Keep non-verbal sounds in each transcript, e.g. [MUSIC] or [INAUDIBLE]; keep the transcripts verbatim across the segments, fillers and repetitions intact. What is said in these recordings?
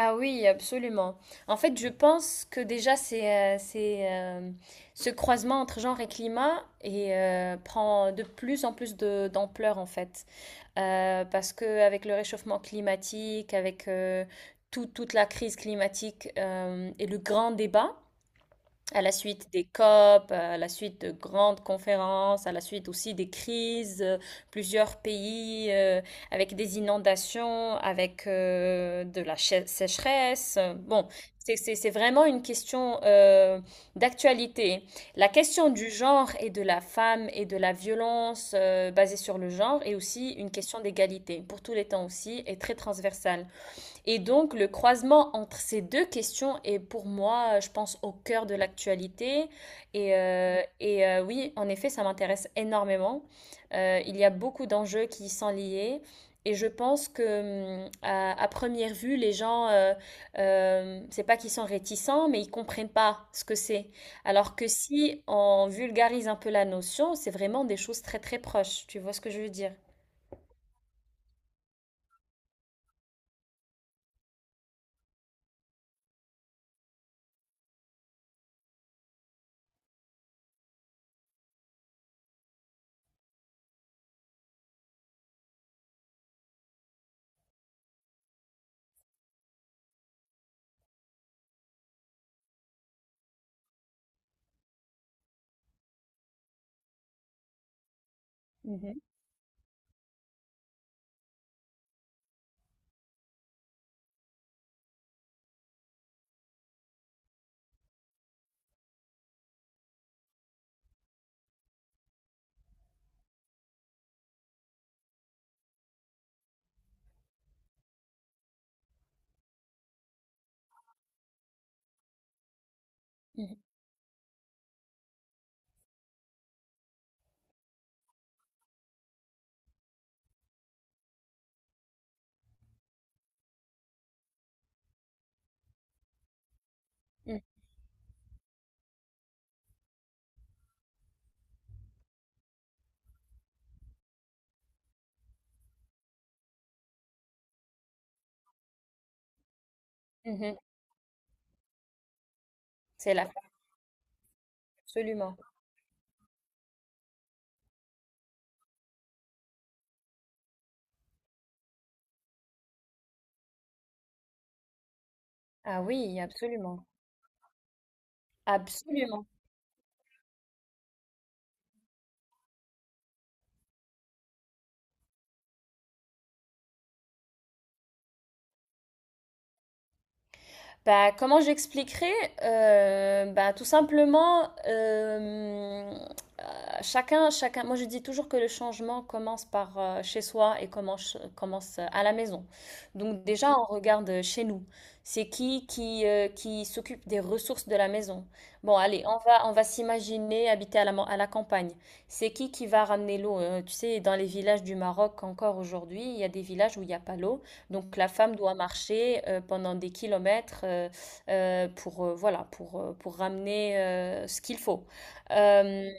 Ah oui, absolument. En fait, je pense que déjà, c'est, euh, c'est, euh, ce croisement entre genre et climat et, euh, prend de plus en plus de, d'ampleur, en fait. Euh, parce que avec le réchauffement climatique, avec euh, tout- toute la crise climatique, euh, et le grand débat, à la suite des COP, à la suite de grandes conférences, à la suite aussi des crises, euh, plusieurs pays, euh, avec des inondations, avec euh, de la chè- sécheresse. Bon, c'est c'est- c'est vraiment une question, euh, d'actualité. La question du genre et de la femme et de la violence, euh, basée sur le genre, est aussi une question d'égalité, pour tous les temps aussi, et très transversale. Et donc, le croisement entre ces deux questions est, pour moi, je pense, au cœur de l'actualité. Et, euh, et euh, oui, en effet, ça m'intéresse énormément. Euh, il y a beaucoup d'enjeux qui y sont liés. Et je pense que, hum, à, à première vue, les gens, euh, euh, c'est pas qu'ils sont réticents, mais ils comprennent pas ce que c'est. Alors que si on vulgarise un peu la notion, c'est vraiment des choses très très proches. Tu vois ce que je veux dire? Mhm. Mhm. Mhm. Mhm. C'est là, absolument. Ah oui, absolument. Absolument. Bah, comment j'expliquerai? Euh, bah, tout simplement, euh, euh, chacun, chacun, moi je dis toujours que le changement commence par, euh, chez soi et commence, commence à la maison. Donc déjà, on regarde chez nous. C'est qui qui, euh, qui s'occupe des ressources de la maison? Bon, allez, on va, on va s'imaginer habiter à la, man- à la campagne. C'est qui qui va ramener l'eau? Euh, tu sais, dans les villages du Maroc encore aujourd'hui, il y a des villages où il n'y a pas l'eau. Donc la femme doit marcher, euh, pendant des kilomètres, euh, euh, pour, euh, voilà, pour, euh, pour ramener euh, ce qu'il faut. Euh,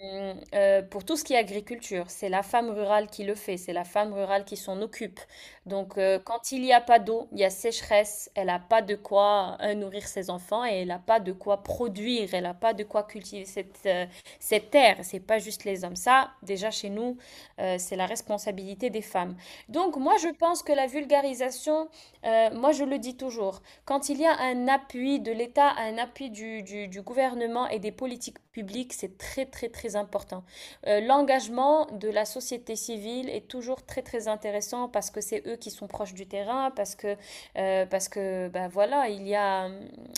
euh, pour tout ce qui est agriculture, c'est la femme rurale qui le fait, c'est la femme rurale qui s'en occupe. Donc euh, quand il n'y a pas d'eau, il y a sécheresse, elle n'a pas de quoi, euh, nourrir ses enfants, et elle n'a pas de quoi produire, elle n'a pas de quoi cultiver cette, euh, cette terre. C'est pas juste les hommes. Ça, déjà chez nous, euh, c'est la responsabilité des femmes. Donc moi, je pense que la vulgarisation, euh, moi je le dis toujours, quand il y a un appui de l'État, un appui du, du- du gouvernement et des politiques publiques, c'est très très très important. Euh, l'engagement de la société civile est toujours très très intéressant parce que c'est eux qui sont proches du terrain, parce que, euh, parce que bah, voilà, il y a,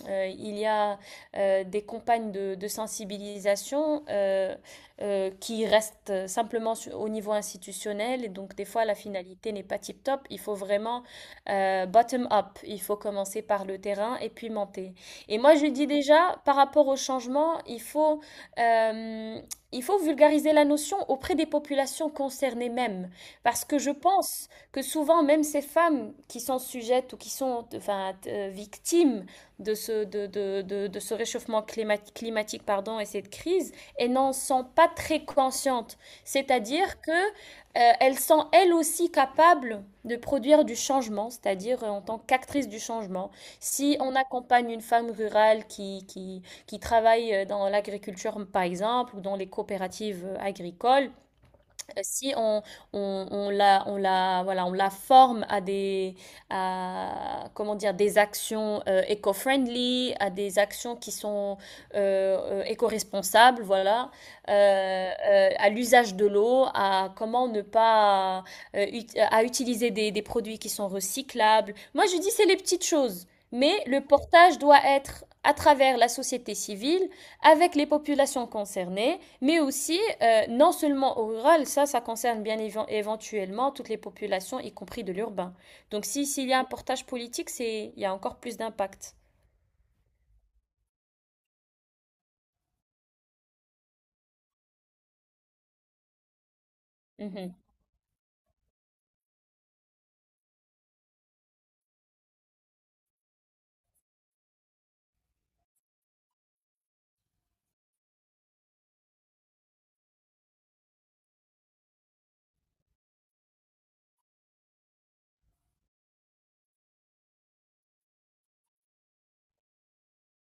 euh, il y a, euh, des campagnes de, de sensibilisation, euh, euh, qui restent simplement su- au niveau institutionnel. Et donc, des fois, la finalité n'est pas tip-top. Il faut vraiment, euh, bottom-up. Il faut commencer par le terrain et puis monter. Et moi, je dis déjà, par rapport au changement, il faut, euh, il faut vulgariser la notion auprès des populations concernées même. Parce que je pense que souvent, même ces femmes qui sont sujettes ou qui sont enfin, euh, victimes de ce, de, de, de, de ce réchauffement climat- climatique pardon, et cette crise, et n'en sont pas très conscientes. C'est-à-dire que, euh, elles sont elles aussi capables de produire du changement, c'est-à-dire, euh, en tant qu'actrice du changement. Si on accompagne une femme rurale qui, qui, qui travaille, euh, dans l'agriculture, par exemple, ou dans les coopératives, euh, agricoles, euh, si on, on, on la, on la, voilà, on la forme à des, à, comment dire, des actions, euh, éco-friendly, à des actions qui sont, euh, euh, éco-responsables, voilà, euh, euh, à l'usage de l'eau, à comment ne pas, euh, ut- à utiliser des, des produits qui sont recyclables. Moi, je dis c'est les petites choses, mais le portage doit être à travers la société civile, avec les populations concernées mais aussi, euh, non seulement au rural, ça, ça concerne bien éventuellement toutes les populations, y compris de l'urbain. Donc si s'il y a un portage politique, c'est il y a encore plus d'impact. Mhm.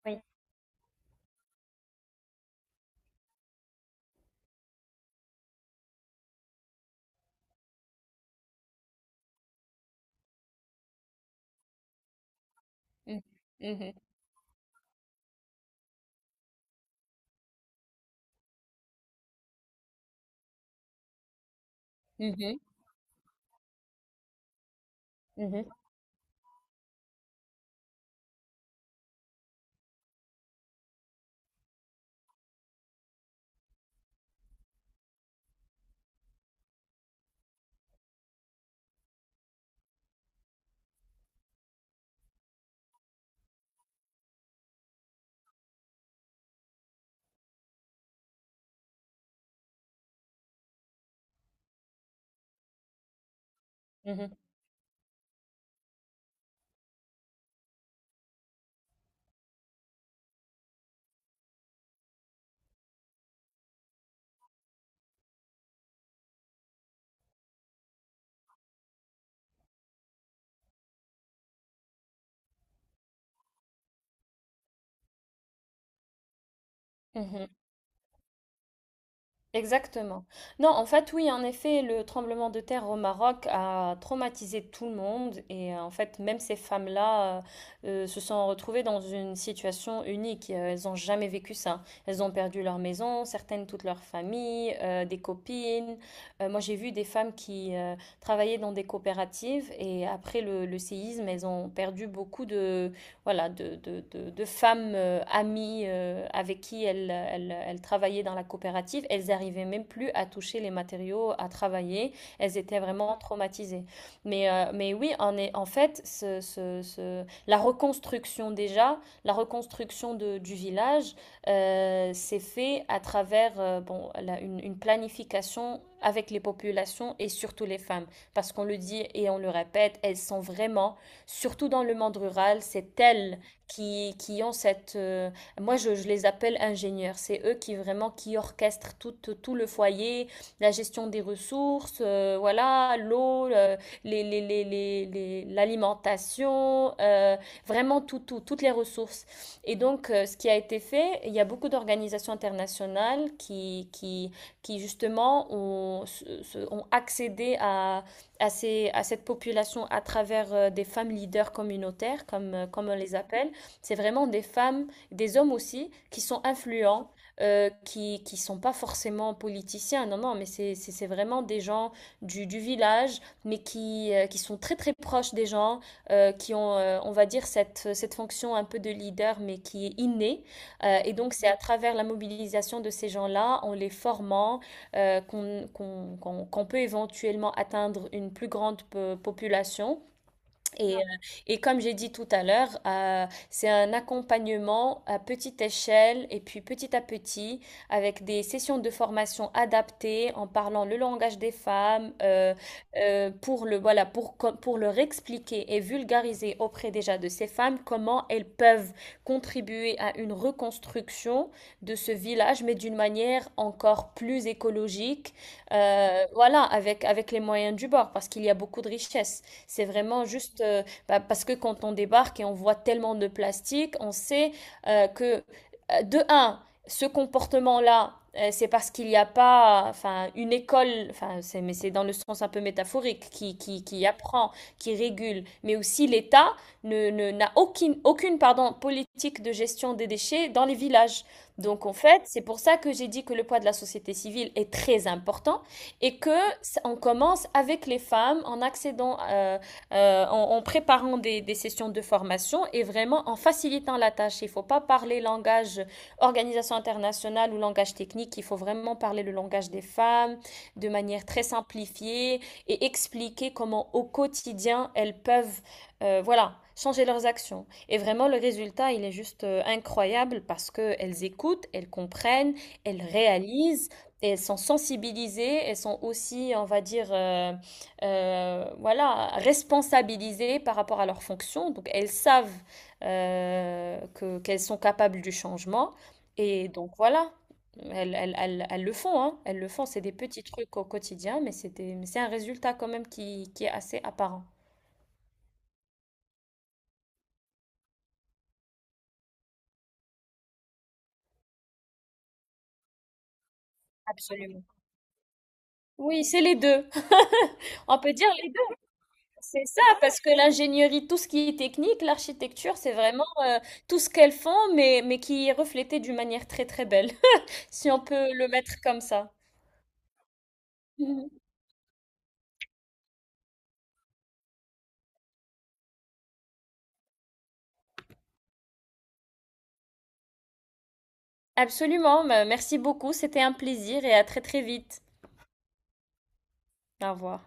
Oui. Mhm. Mhm. Mhm. Mhm. Mhm. Mhm. Exactement. Non, en fait, oui, en effet, le tremblement de terre au Maroc a traumatisé tout le monde et, euh, en fait, même ces femmes-là, euh, euh, se sont retrouvées dans une situation unique. Euh, Elles n'ont jamais vécu ça. Elles ont perdu leur maison, certaines toute leur famille, euh, des copines. Euh, moi, j'ai vu des femmes qui, euh, travaillaient dans des coopératives et après le, le séisme, elles ont perdu beaucoup, voilà, de, de, de, de femmes, euh, amies, euh, avec qui elles, elles, elles travaillaient dans la coopérative. Elles n'arrivaient même plus à toucher les matériaux, à travailler. Elles étaient vraiment traumatisées. Mais, euh, mais oui, en, est, en fait, ce, ce, ce- la reconstruction déjà, la reconstruction de- du village, euh, s'est fait à travers, euh, bon, la- une, une planification avec les populations et surtout les femmes. Parce qu'on le dit et on le répète, elles sont vraiment, surtout dans le monde rural, c'est elles qui, qui ont cette, euh, moi, je, je les appelle ingénieurs. C'est eux qui vraiment qui orchestrent tout, tout le foyer, la gestion des ressources, euh, voilà, l'eau, euh, les, les, les, les- les- l'alimentation, euh, vraiment tout, tout, toutes les ressources. Et donc, euh, ce qui a été fait, il y a beaucoup d'organisations internationales qui, qui, qui justement ont, se- se- ont accédé à, à, ces- à cette population à travers, euh, des femmes leaders communautaires, comme, euh, comme on les appelle. C'est vraiment des femmes, des hommes aussi, qui sont influents, euh, qui ne sont pas forcément politiciens, non, non, mais c'est c'est- c'est vraiment des gens du, du village, mais qui, euh, qui sont très très proches des gens, euh, qui ont, euh, on va dire, cette, cette fonction un peu de leader, mais qui est innée. Euh, et donc c'est à travers la mobilisation de ces gens-là, en les formant, euh, qu'on qu'on- qu'on peut éventuellement atteindre une plus grande population et, euh, et comme j'ai dit tout à l'heure, euh, c'est un accompagnement à petite échelle, et puis petit à petit, avec des sessions de formation adaptées, en parlant le langage des femmes, euh, euh, pour le, voilà, pour, co- pour leur expliquer et vulgariser auprès déjà de ces femmes comment elles peuvent contribuer à une reconstruction de ce village, mais d'une manière encore plus écologique, euh, voilà, avec, avec les moyens du bord, parce qu'il y a beaucoup de richesses. C'est vraiment juste, euh, bah, parce que quand on débarque et on voit tellement de plastique, on sait, euh, que euh, de un, ce comportement-là, euh, c'est parce qu'il n'y a pas, enfin, une école, enfin, c'est, mais c'est dans le sens un peu métaphorique, qui, qui, qui apprend, qui régule, mais aussi l'État ne, ne- n'a aucune, aucune, pardon, politique de gestion des déchets dans les villages. Donc, en fait, c'est pour ça que j'ai dit que le poids de la société civile est très important, et que on commence avec les femmes en accédant, euh, euh, en, en préparant des, des sessions de formation et vraiment en facilitant la tâche. Il ne faut pas parler langage organisation internationale ou langage technique. Il faut vraiment parler le langage des femmes de manière très simplifiée et expliquer comment au quotidien elles peuvent, euh, voilà, changer leurs actions. Et vraiment, le résultat, il est juste, euh, incroyable, parce que elles écoutent, elles comprennent, elles réalisent et elles sont sensibilisées, elles sont aussi, on va dire, euh, euh, voilà, responsabilisées par rapport à leurs fonctions. Donc elles savent, euh, que qu'elles sont capables du changement. Et donc voilà, elles, elles- elles- elles le font, hein, elles le font. C'est des petits trucs au quotidien, mais c'est des- mais c'est un résultat quand même qui, qui est assez apparent. Absolument. Oui, c'est les deux. [LAUGHS] On peut dire, c'est ça, parce que l'ingénierie, tout ce qui est technique, l'architecture, c'est vraiment, euh, tout ce qu'elles font, mais, mais qui est reflété d'une manière très très belle, [LAUGHS] si on peut le mettre comme ça. Mhm. Absolument, bah, merci beaucoup, c'était un plaisir, et à très très vite. Au revoir.